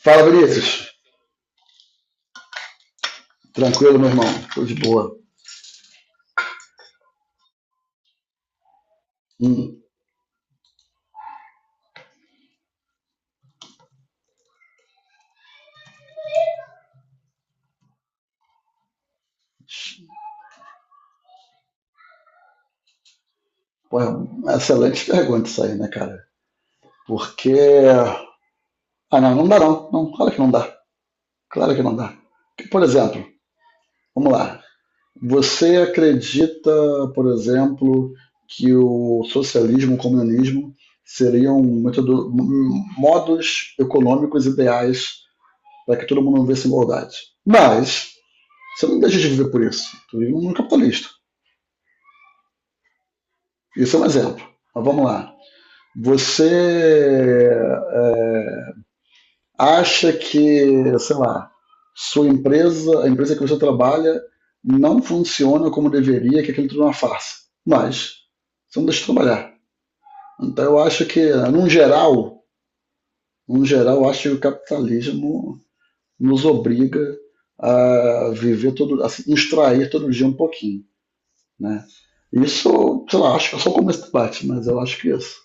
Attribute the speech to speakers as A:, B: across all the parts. A: Fala, Vinícius. Tranquilo, meu irmão? Tô de boa. Hum, pô, é uma excelente pergunta isso aí, né, cara? Porque. Ah, não, não dá não. Não, claro que não dá. Claro que não dá. Por exemplo, vamos lá. Você acredita, por exemplo, que o socialismo, o comunismo seriam modos econômicos ideais para que todo mundo vivesse em igualdade. Mas você não deixa de viver por isso. Tu vive um mundo capitalista. Isso é um exemplo. Mas vamos lá. Você é, acha que, sei lá, a empresa que você trabalha não funciona como deveria, que aquilo tudo é uma farsa. Mas você não deixa de trabalhar. Então eu acho que, num geral, eu acho que o capitalismo nos obriga a se extrair todo dia um pouquinho, né? Isso, sei lá, acho que é só começo de debate, mas eu acho que é isso.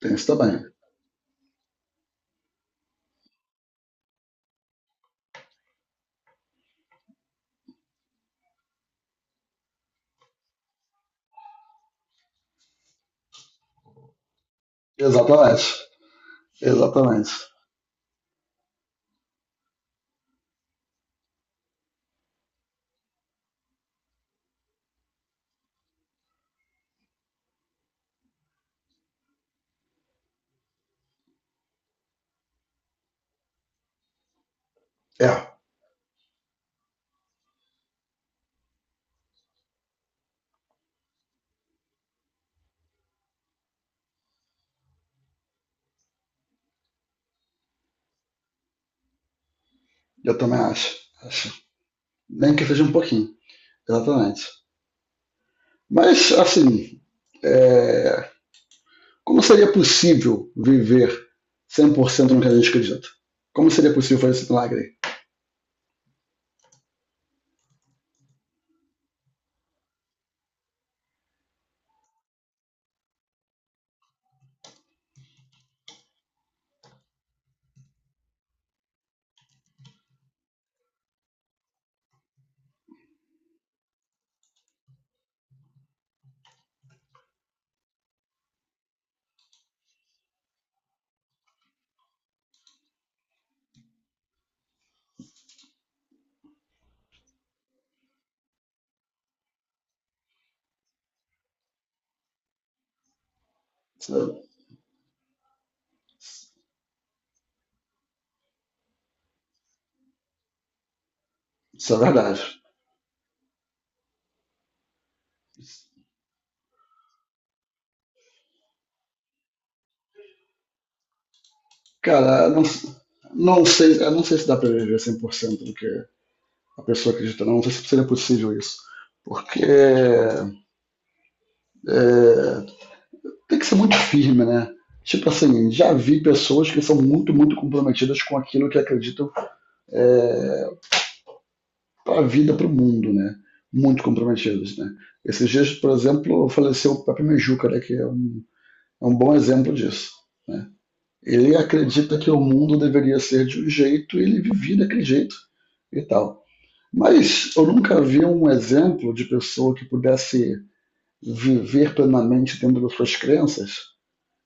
A: Tem isso também. Exatamente. Exatamente. É, eu também acho. Acho. Nem que seja um pouquinho, exatamente. Mas, assim, é, como seria possível viver 100% no que a gente acredita? Como seria possível fazer esse milagre? Isso, isso é verdade. Cara, não, não sei, eu não sei se dá pra viver 100% do que a pessoa acredita, não. Não sei se seria possível isso. Porque é, tem que ser muito firme, né? Tipo assim, já vi pessoas que são muito, muito comprometidas com aquilo que acreditam é, para a vida, para o mundo, né? Muito comprometidas, né? Esses dias, por exemplo, faleceu o Pepe Mejuca, né? É um bom exemplo disso. Né? Ele acredita que o mundo deveria ser de um jeito e ele vivia daquele jeito e tal. Mas eu nunca vi um exemplo de pessoa que pudesse viver plenamente dentro das suas crenças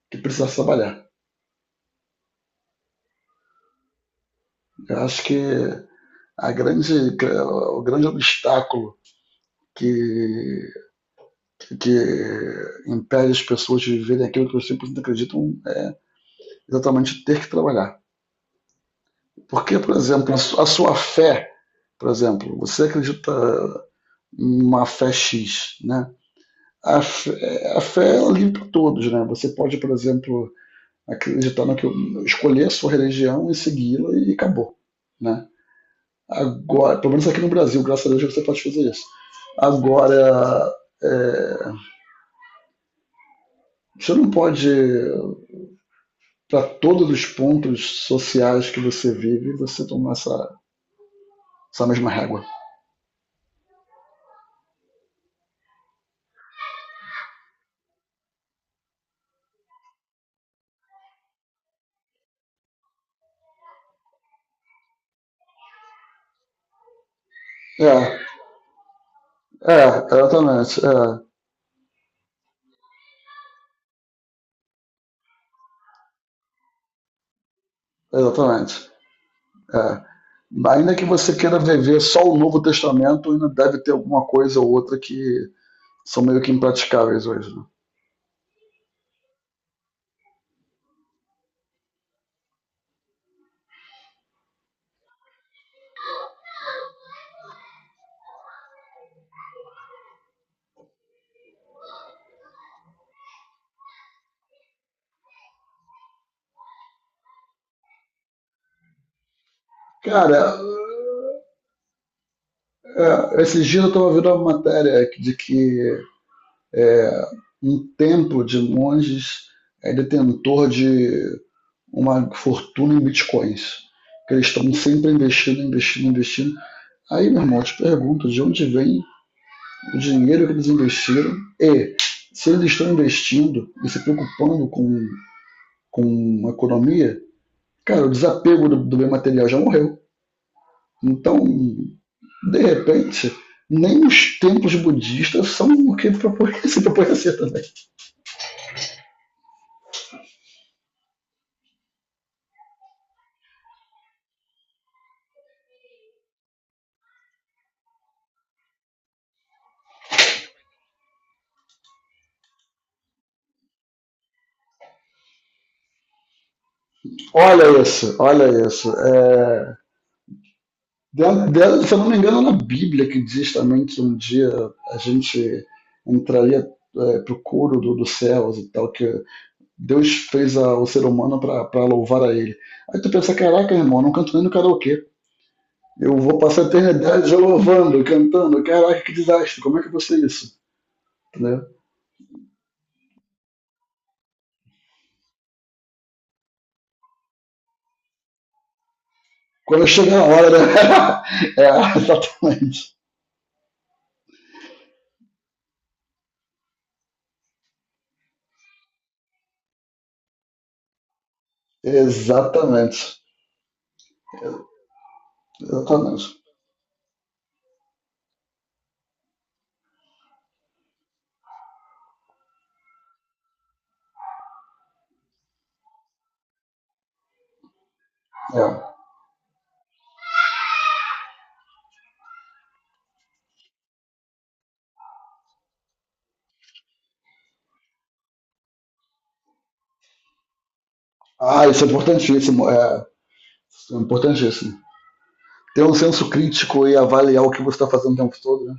A: que precisasse trabalhar. Eu acho que a grande, o grande obstáculo que, que impede as pessoas de viverem aquilo que os 100% acreditam é exatamente ter que trabalhar. Porque, por exemplo, fé, por exemplo, você acredita em uma fé X, né? A fé é livre para todos, né? Você pode, por exemplo, acreditar no que escolher a sua religião e segui-la e acabou, né? Agora, pelo menos aqui no Brasil, graças a Deus você pode fazer isso. Agora, é, você não pode, para todos os pontos sociais que você vive, você tomar essa mesma régua. É, exatamente. É, exatamente. É. Ainda que você queira viver só o Novo Testamento, ainda deve ter alguma coisa ou outra que são meio que impraticáveis hoje. Né? Cara, esses dias eu estava vendo uma matéria de que um templo de monges é detentor de uma fortuna em bitcoins. Que eles estão sempre investindo, investindo, investindo. Aí, meu irmão, eu te pergunto de onde vem o dinheiro que eles investiram e se eles estão investindo e se preocupando com a economia, cara, o desapego do bem material já morreu. Então, de repente, nem os templos budistas são o que propõe, se propõe a ser também. Olha isso, olha isso. É, se eu não me engano, é na Bíblia que diz também que um dia a gente entraria para o coro dos céus e tal, que Deus fez o ser humano para louvar a ele. Aí tu pensa, caraca, irmão, eu não canto nem no karaokê. Eu vou passar a eternidade louvando, cantando. Caraca, que desastre, como é que eu vou ser isso? Entendeu? Quando chega a hora, né? É, exatamente. Exatamente. Exatamente. É. Ah, isso é importantíssimo. É, isso é importantíssimo. Ter um senso crítico e avaliar o que você está fazendo o tempo todo, né?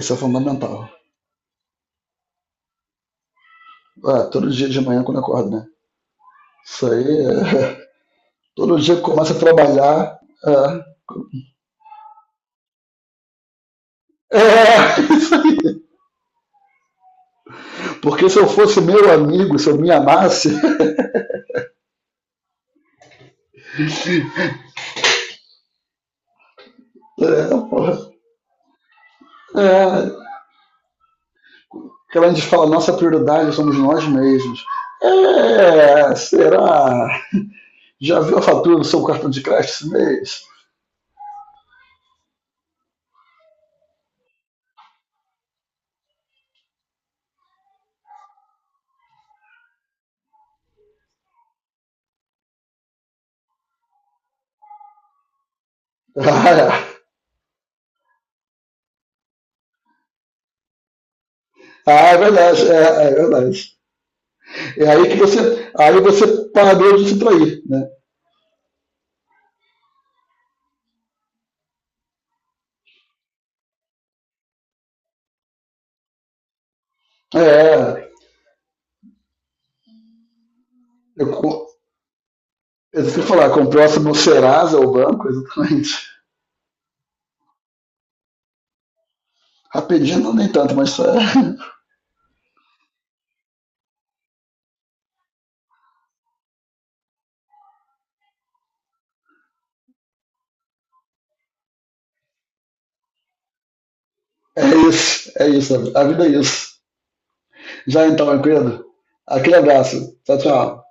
A: Isso é fundamental. Ah, todo dia de manhã quando eu acordo, né? Isso aí é... Todo dia que começa a trabalhar. É... é isso aí. Porque se eu fosse meu amigo, se eu me amasse. É, porra. É. Que a gente fala, nossa prioridade somos nós mesmos. É, será? Já viu a fatura do seu cartão de crédito esse mês? Ah, é. Ah, é verdade. É aí que aí você parou de se trair, né? É, eu, eu sei falar, comprou essa no Serasa ou banco, exatamente. Rapidinho não nem tanto, mas é isso, a vida é isso. Já então, meu querido, aquele abraço, tchau, tchau.